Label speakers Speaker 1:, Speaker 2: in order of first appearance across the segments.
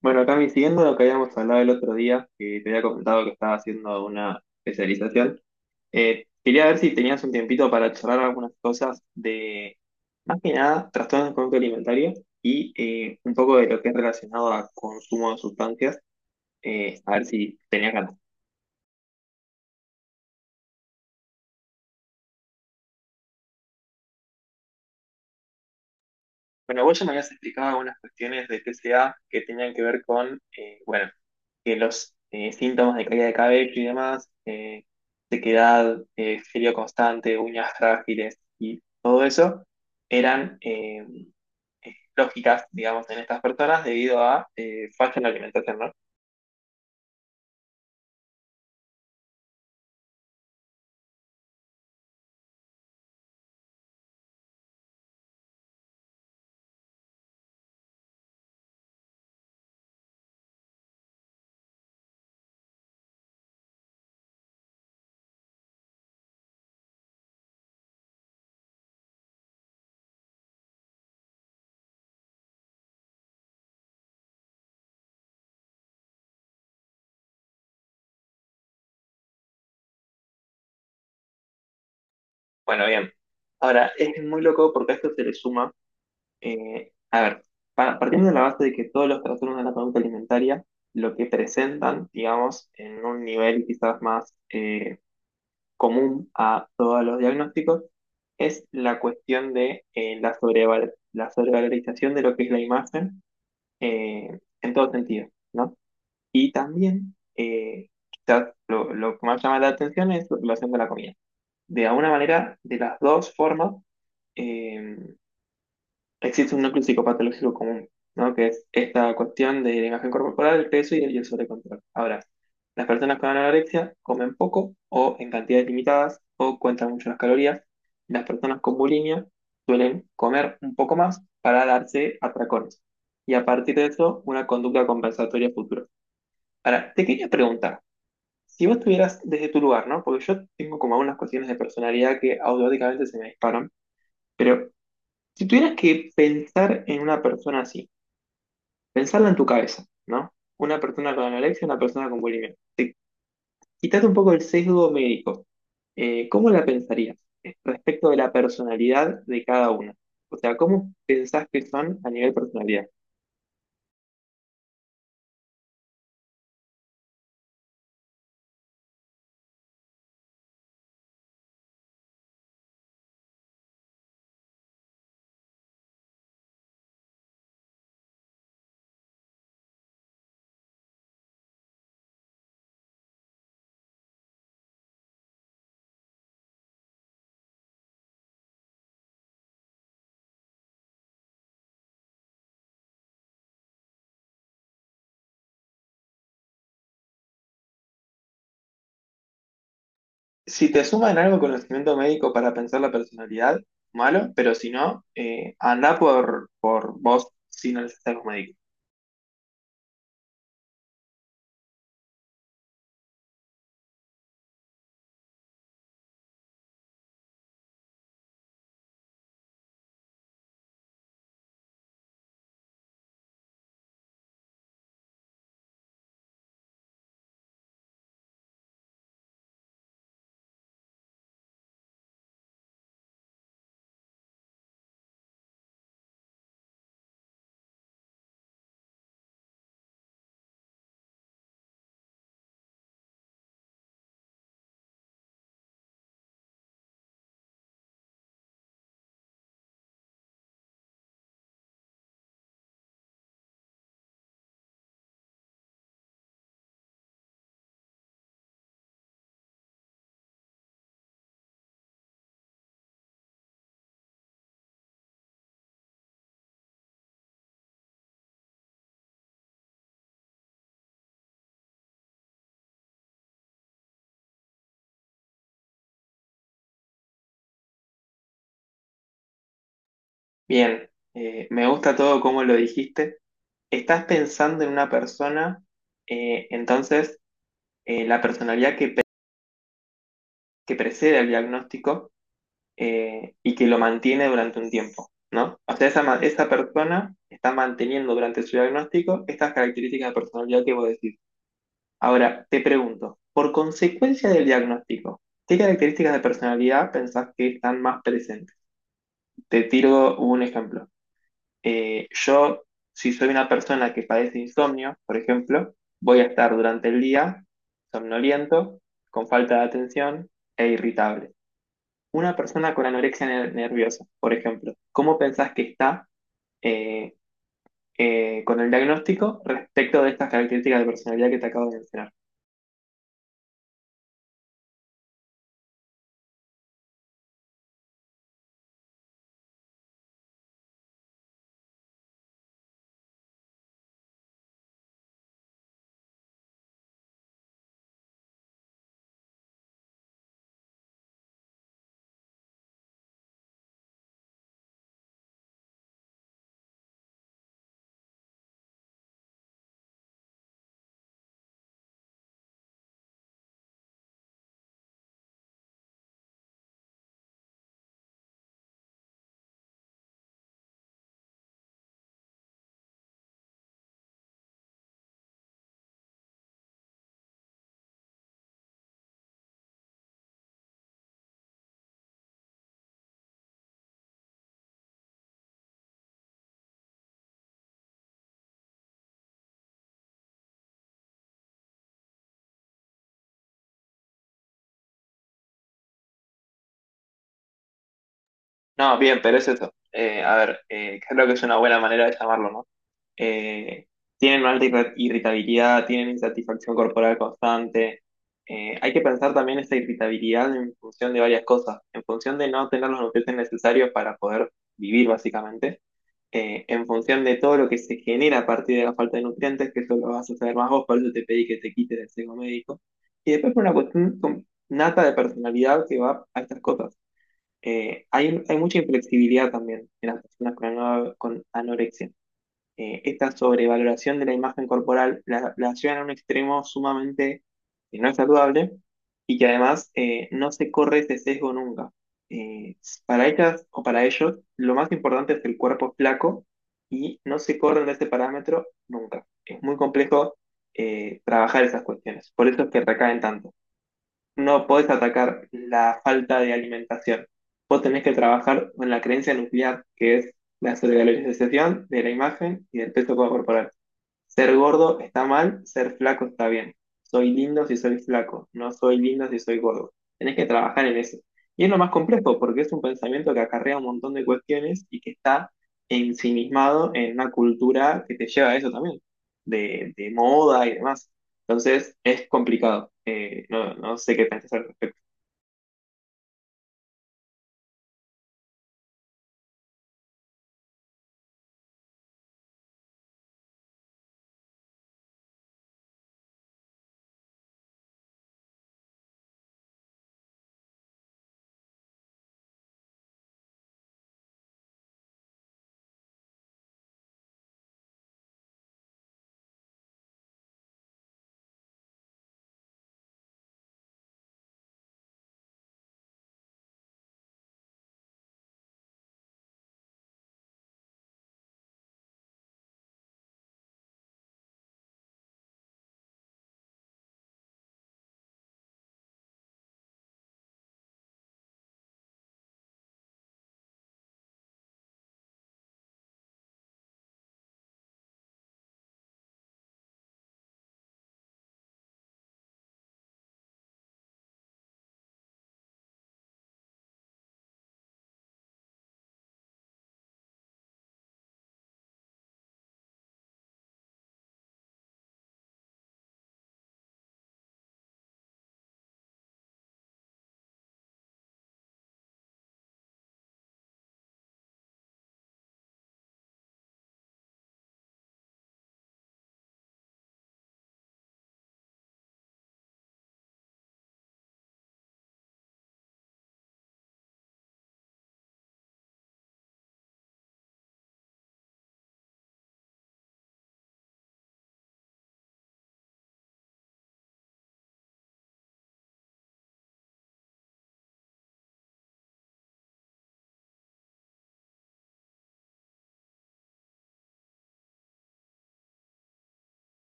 Speaker 1: Bueno, Cami, siguiendo lo que habíamos hablado el otro día, que te había comentado que estaba haciendo una especialización, quería ver si tenías un tiempito para charlar algunas cosas de, más que nada, trastornos del conducta alimentaria y un poco de lo que es relacionado a consumo de sustancias, a ver si tenías ganas. Bueno, vos ya me habías explicado algunas cuestiones de TCA que tenían que ver con, bueno, que los síntomas de caída de cabello y demás, sequedad, frío constante, uñas frágiles y todo eso, eran lógicas, digamos, en estas personas debido a falla en la alimentación, ¿no? Bueno, bien. Ahora, es muy loco porque a esto se le suma. Eh, a ver, Partiendo de la base de que todos los trastornos de la conducta alimentaria lo que presentan, digamos, en un nivel quizás más común a todos los diagnósticos, es la cuestión de la sobrevalorización de lo que es la imagen en todo sentido, ¿no? Y también, quizás lo que más llama la atención es la relación de la comida. De alguna manera, de las dos formas, eh, existe un núcleo psicopatológico común, ¿no? Que es esta cuestión de la imagen corporal, el peso y el sobrecontrol. Ahora, las personas con anorexia comen poco o en cantidades limitadas o cuentan mucho las calorías. Las personas con bulimia suelen comer un poco más para darse atracones. Y a partir de eso, una conducta compensatoria futura. Ahora, te quería preguntar, si vos estuvieras desde tu lugar, ¿no? Porque yo tengo como algunas cuestiones de personalidad que automáticamente se me disparan. Pero si tuvieras que pensar en una persona así, pensarla en tu cabeza, ¿no? Una persona con anorexia, una persona con bulimia. Te quitas un poco el sesgo médico. ¿Cómo la pensarías respecto de la personalidad de cada una? O sea, ¿cómo pensás que son a nivel personalidad? Si te suman algo conocimiento médico para pensar la personalidad, malo, pero si no, andá por vos sin el sesgo médico. Bien, me gusta todo cómo lo dijiste. Estás pensando en una persona, entonces la personalidad que, pre- que precede al diagnóstico y que lo mantiene durante un tiempo, ¿no? O sea, esa persona está manteniendo durante su diagnóstico estas características de personalidad que vos decís. Ahora, te pregunto, por consecuencia del diagnóstico, ¿qué características de personalidad pensás que están más presentes? Te tiro un ejemplo. Yo, si soy una persona que padece insomnio, por ejemplo, voy a estar durante el día somnoliento, con falta de atención e irritable. Una persona con nerviosa, por ejemplo, ¿cómo pensás que está eh, con el diagnóstico respecto de estas características de personalidad que te acabo de mencionar? No, bien, pero es eso. A ver, creo que es una buena manera de llamarlo, ¿no? eh, Tienen una irritabilidad, tienen insatisfacción corporal constante. Hay que pensar también esa irritabilidad en función de varias cosas, en función de no tener los nutrientes necesarios para poder vivir básicamente, en función de todo lo que se genera a partir de la falta de nutrientes, que eso lo vas a saber más vos, por eso te pedí que te quites el sesgo médico, y después por una cuestión con- nata de personalidad que va a estas cosas. Hay mucha inflexibilidad también en las personas con anorexia. Esta sobrevaloración de la imagen corporal la llevan a un extremo sumamente no saludable y que además no se corre ese sesgo nunca. Eh, para ellas o para ellos, lo más importante es el cuerpo flaco y no se corren de ese parámetro nunca. Es muy complejo trabajar esas cuestiones, por eso es que recaen tanto. No podés atacar la falta de alimentación. Vos tenés que trabajar con la creencia nuclear, que es la sobrevalorización de la imagen y del peso corporal. Ser gordo está mal, ser flaco está bien. Soy lindo si soy flaco, no soy lindo si soy gordo. Tenés que trabajar en eso. Y es lo más complejo porque es un pensamiento que acarrea un montón de cuestiones y que está ensimismado en una cultura que te lleva a eso también, de moda y demás. Entonces es complicado. No, no sé qué pensás al respecto.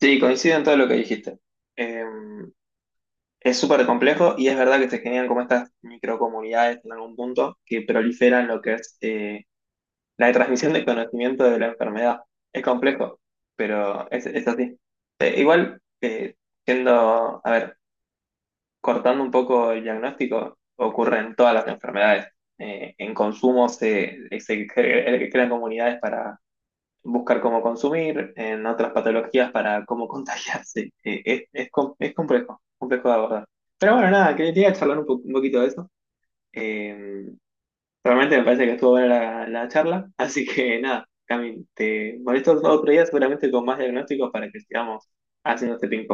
Speaker 1: Sí, coincido en todo lo que dijiste. Eh, es súper complejo y es verdad que se generan como estas microcomunidades en algún punto que proliferan lo que es la transmisión de conocimiento de la enfermedad. Es complejo, pero es así. Igual, a ver, cortando un poco el diagnóstico, ocurre en todas las enfermedades. En consumo crean comunidades para buscar cómo consumir, en otras patologías para cómo contagiarse. Es complejo, complejo de abordar. Pero bueno, nada, quería charlar un poquito de eso. Eh, Realmente me parece que estuvo buena la charla, así que nada, Cami, te molesto otro día seguramente con más diagnósticos para que sigamos haciendo este ping.